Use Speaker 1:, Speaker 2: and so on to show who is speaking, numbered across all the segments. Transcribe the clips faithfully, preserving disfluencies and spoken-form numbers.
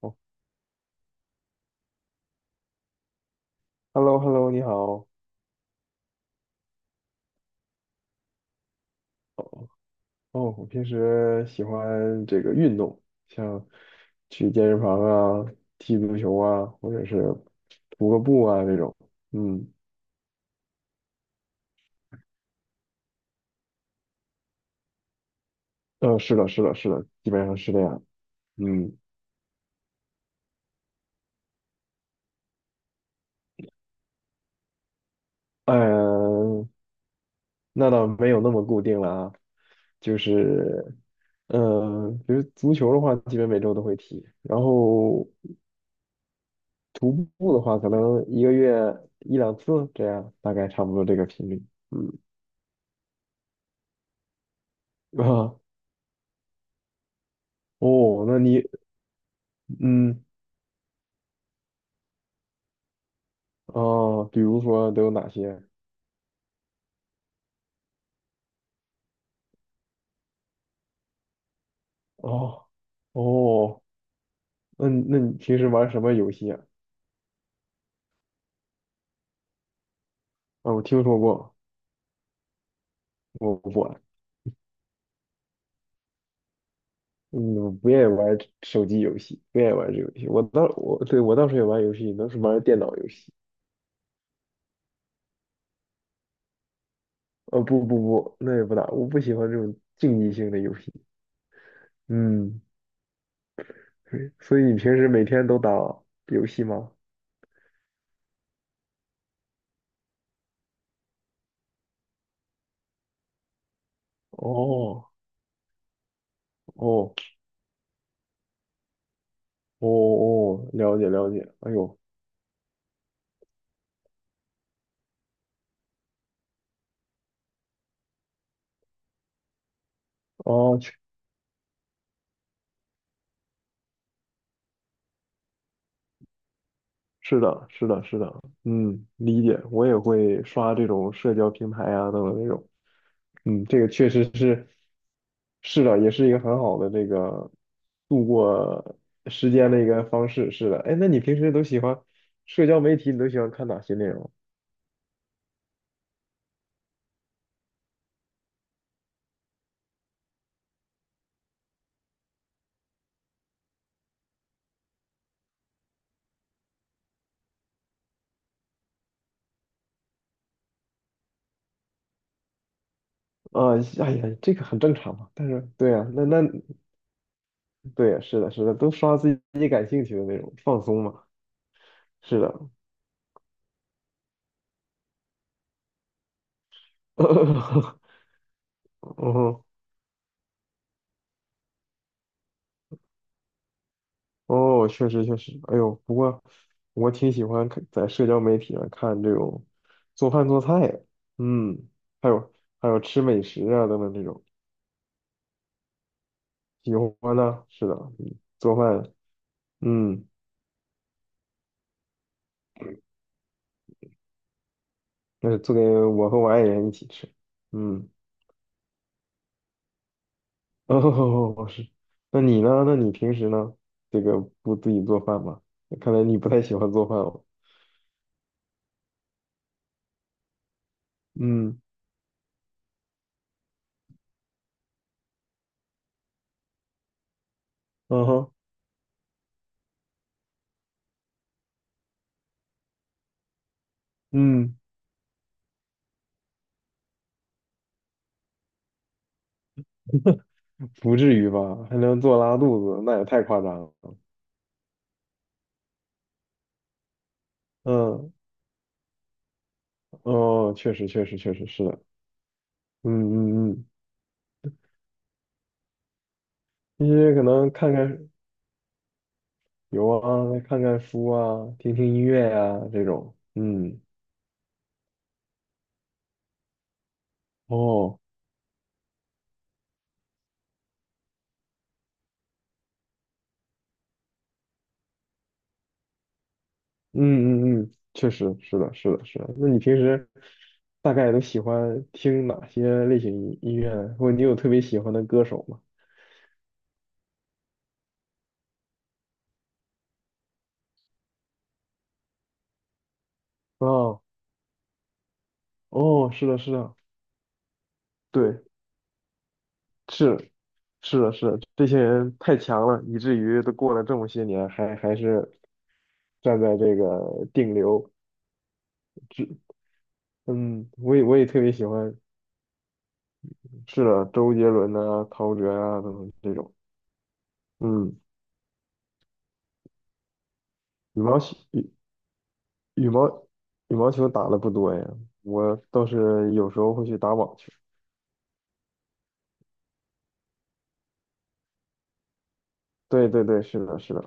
Speaker 1: 哦，Hello，Hello，你好。哦，哦，我平时喜欢这个运动，像去健身房啊、踢足球啊，或者是徒个步啊这种。嗯，呃，是的，是的，是的，基本上是这样。嗯，呃，那倒没有那么固定了啊，就是，呃，比如足球的话，基本每周都会踢，然后徒步的话，可能一个月一两次这样，大概差不多这个频率。嗯啊。哦，那你嗯啊，比如说都有哪些？哦哦，那你那你平时玩什么游戏啊？啊，我听说过，我不玩，嗯，我不愿意玩手机游戏，不愿意玩这个游戏。我倒我对我倒是也玩游戏，都是玩电脑游戏。呃，不不不，那也不打，我不喜欢这种竞技性的游戏。嗯，对，所以你平时每天都打游戏吗？哦哦哦哦，了解了解。哎呦，哦，是的，是的，是的，嗯，理解，我也会刷这种社交平台啊，等等这种，嗯，这个确实是，是的，也是一个很好的这个度过时间的一个方式，是的，哎，那你平时都喜欢社交媒体，你都喜欢看哪些内容？啊、哎呀，这个很正常嘛，但是对啊，那那对啊，是的，是的，都刷自己感兴趣的内容，放松嘛，是的，嗯哼哦，确实确实，哎呦，不过我挺喜欢看在社交媒体上看这种做饭做菜的嗯，还有还有吃美食啊等等这种，喜欢呢，是的，嗯做饭，嗯，那是做给我和我爱人一起吃，嗯，哦，是，那你呢？那你平时呢？这个不自己做饭吗？看来你不太喜欢做饭哦，嗯，嗯哼，嗯，不至于吧？还能做拉肚子，那也太夸张了，嗯。哦，确实，确实，确实是的。嗯嗯嗯，一些可能看看有啊，看看书啊，听听音乐呀、这种。嗯，哦，嗯嗯嗯，确实是的，是的，是的。那你平时大概都喜欢听哪些类型音音乐呢或者你有特别喜欢的歌手吗？哦哦，是的，是的，对，是是的，是的，这些人太强了，以至于都过了这么些年，还还是站在这个顶流。嗯，我也我也特别喜欢，是的，周杰伦呐，陶喆啊等等这种。嗯，羽毛球羽羽毛羽毛球打的不多呀，我倒是有时候会去打网球。对对对，是的，是的，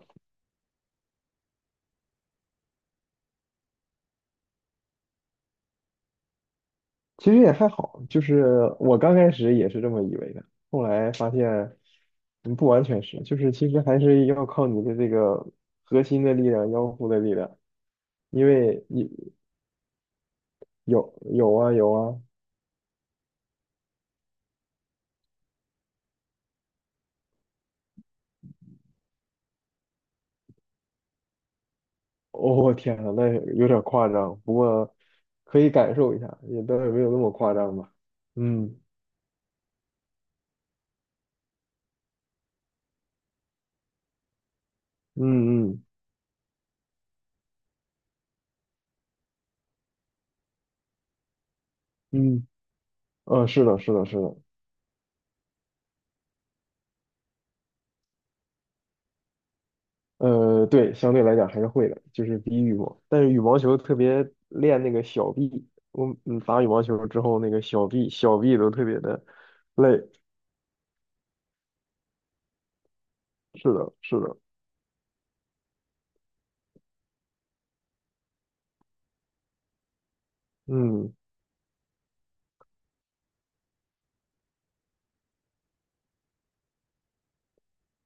Speaker 1: 其实也还好，就是我刚开始也是这么以为的，后来发现，嗯，不完全是，就是其实还是要靠你的这个核心的力量、腰部的力量，因为你有有啊有啊，哦，天呐，那有点夸张，不过可以感受一下，也倒也没有那么夸张吧。嗯嗯嗯嗯，呃，是的，是的，是的，呃，对，相对来讲还是会的，就是比羽毛，但是羽毛球特别练那个小臂，我嗯打羽毛球之后那个小臂小臂都特别的累。是的，是的，嗯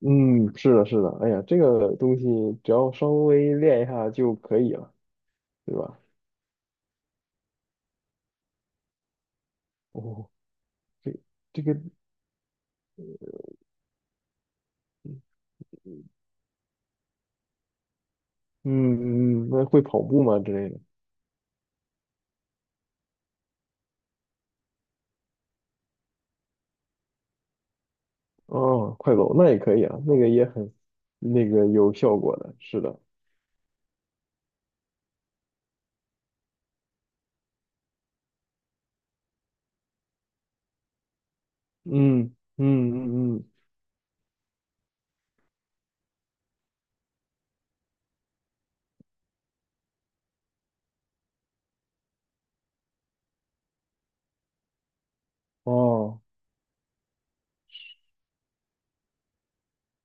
Speaker 1: 嗯，是的，是的，哎呀，这个东西只要稍微练一下就可以了，对吧？哦，这这个。嗯嗯，嗯那会跑步吗之类的？哦，快走，那也可以啊，那个也很，那个有效果的，是的，嗯嗯嗯嗯，哦，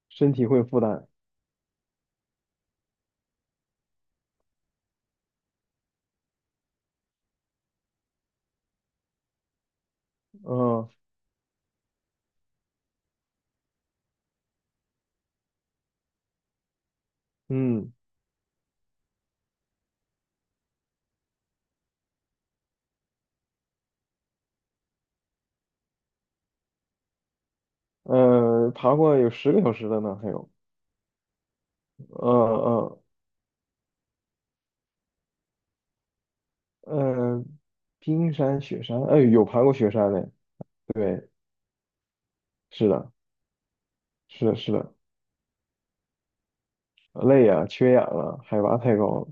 Speaker 1: 身体会负担，嗯嗯呃，爬过有十个小时的呢，还有，嗯嗯嗯，冰山雪山，哎，有爬过雪山的，对，是的，是的，是的，累呀、缺氧了，海拔太高了，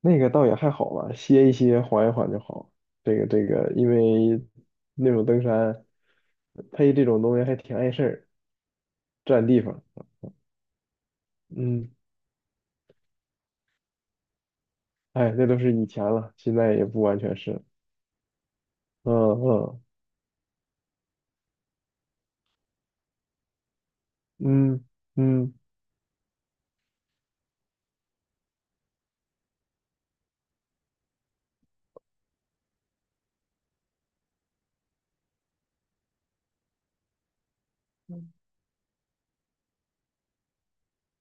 Speaker 1: 那个倒也还好吧，歇一歇，缓一缓就好。这个这个，因为那种登山配这种东西还挺碍事儿，占地方。嗯，哎，那都是以前了，现在也不完全是。嗯嗯嗯嗯，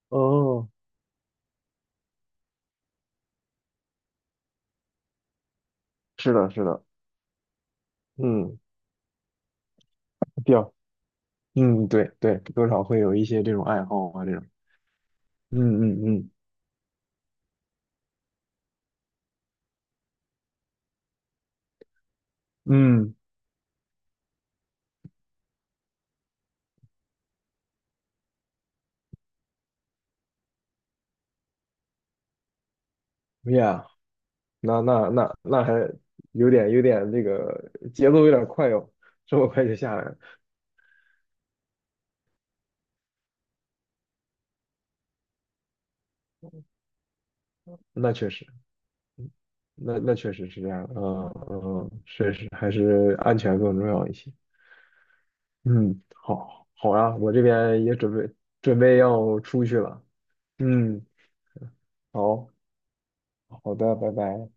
Speaker 1: 哦，是的，是的，嗯，掉，嗯，对对，多少会有一些这种爱好啊，这种，嗯嗯嗯嗯，yeah。那那那那还有点有点那个节奏有点快哟，这么快就下来了那确实，那那确实是这样的，嗯嗯，确实还是安全更重要一些。嗯，好，好呀，我这边也准备准备要出去了。嗯，好，好的，拜拜。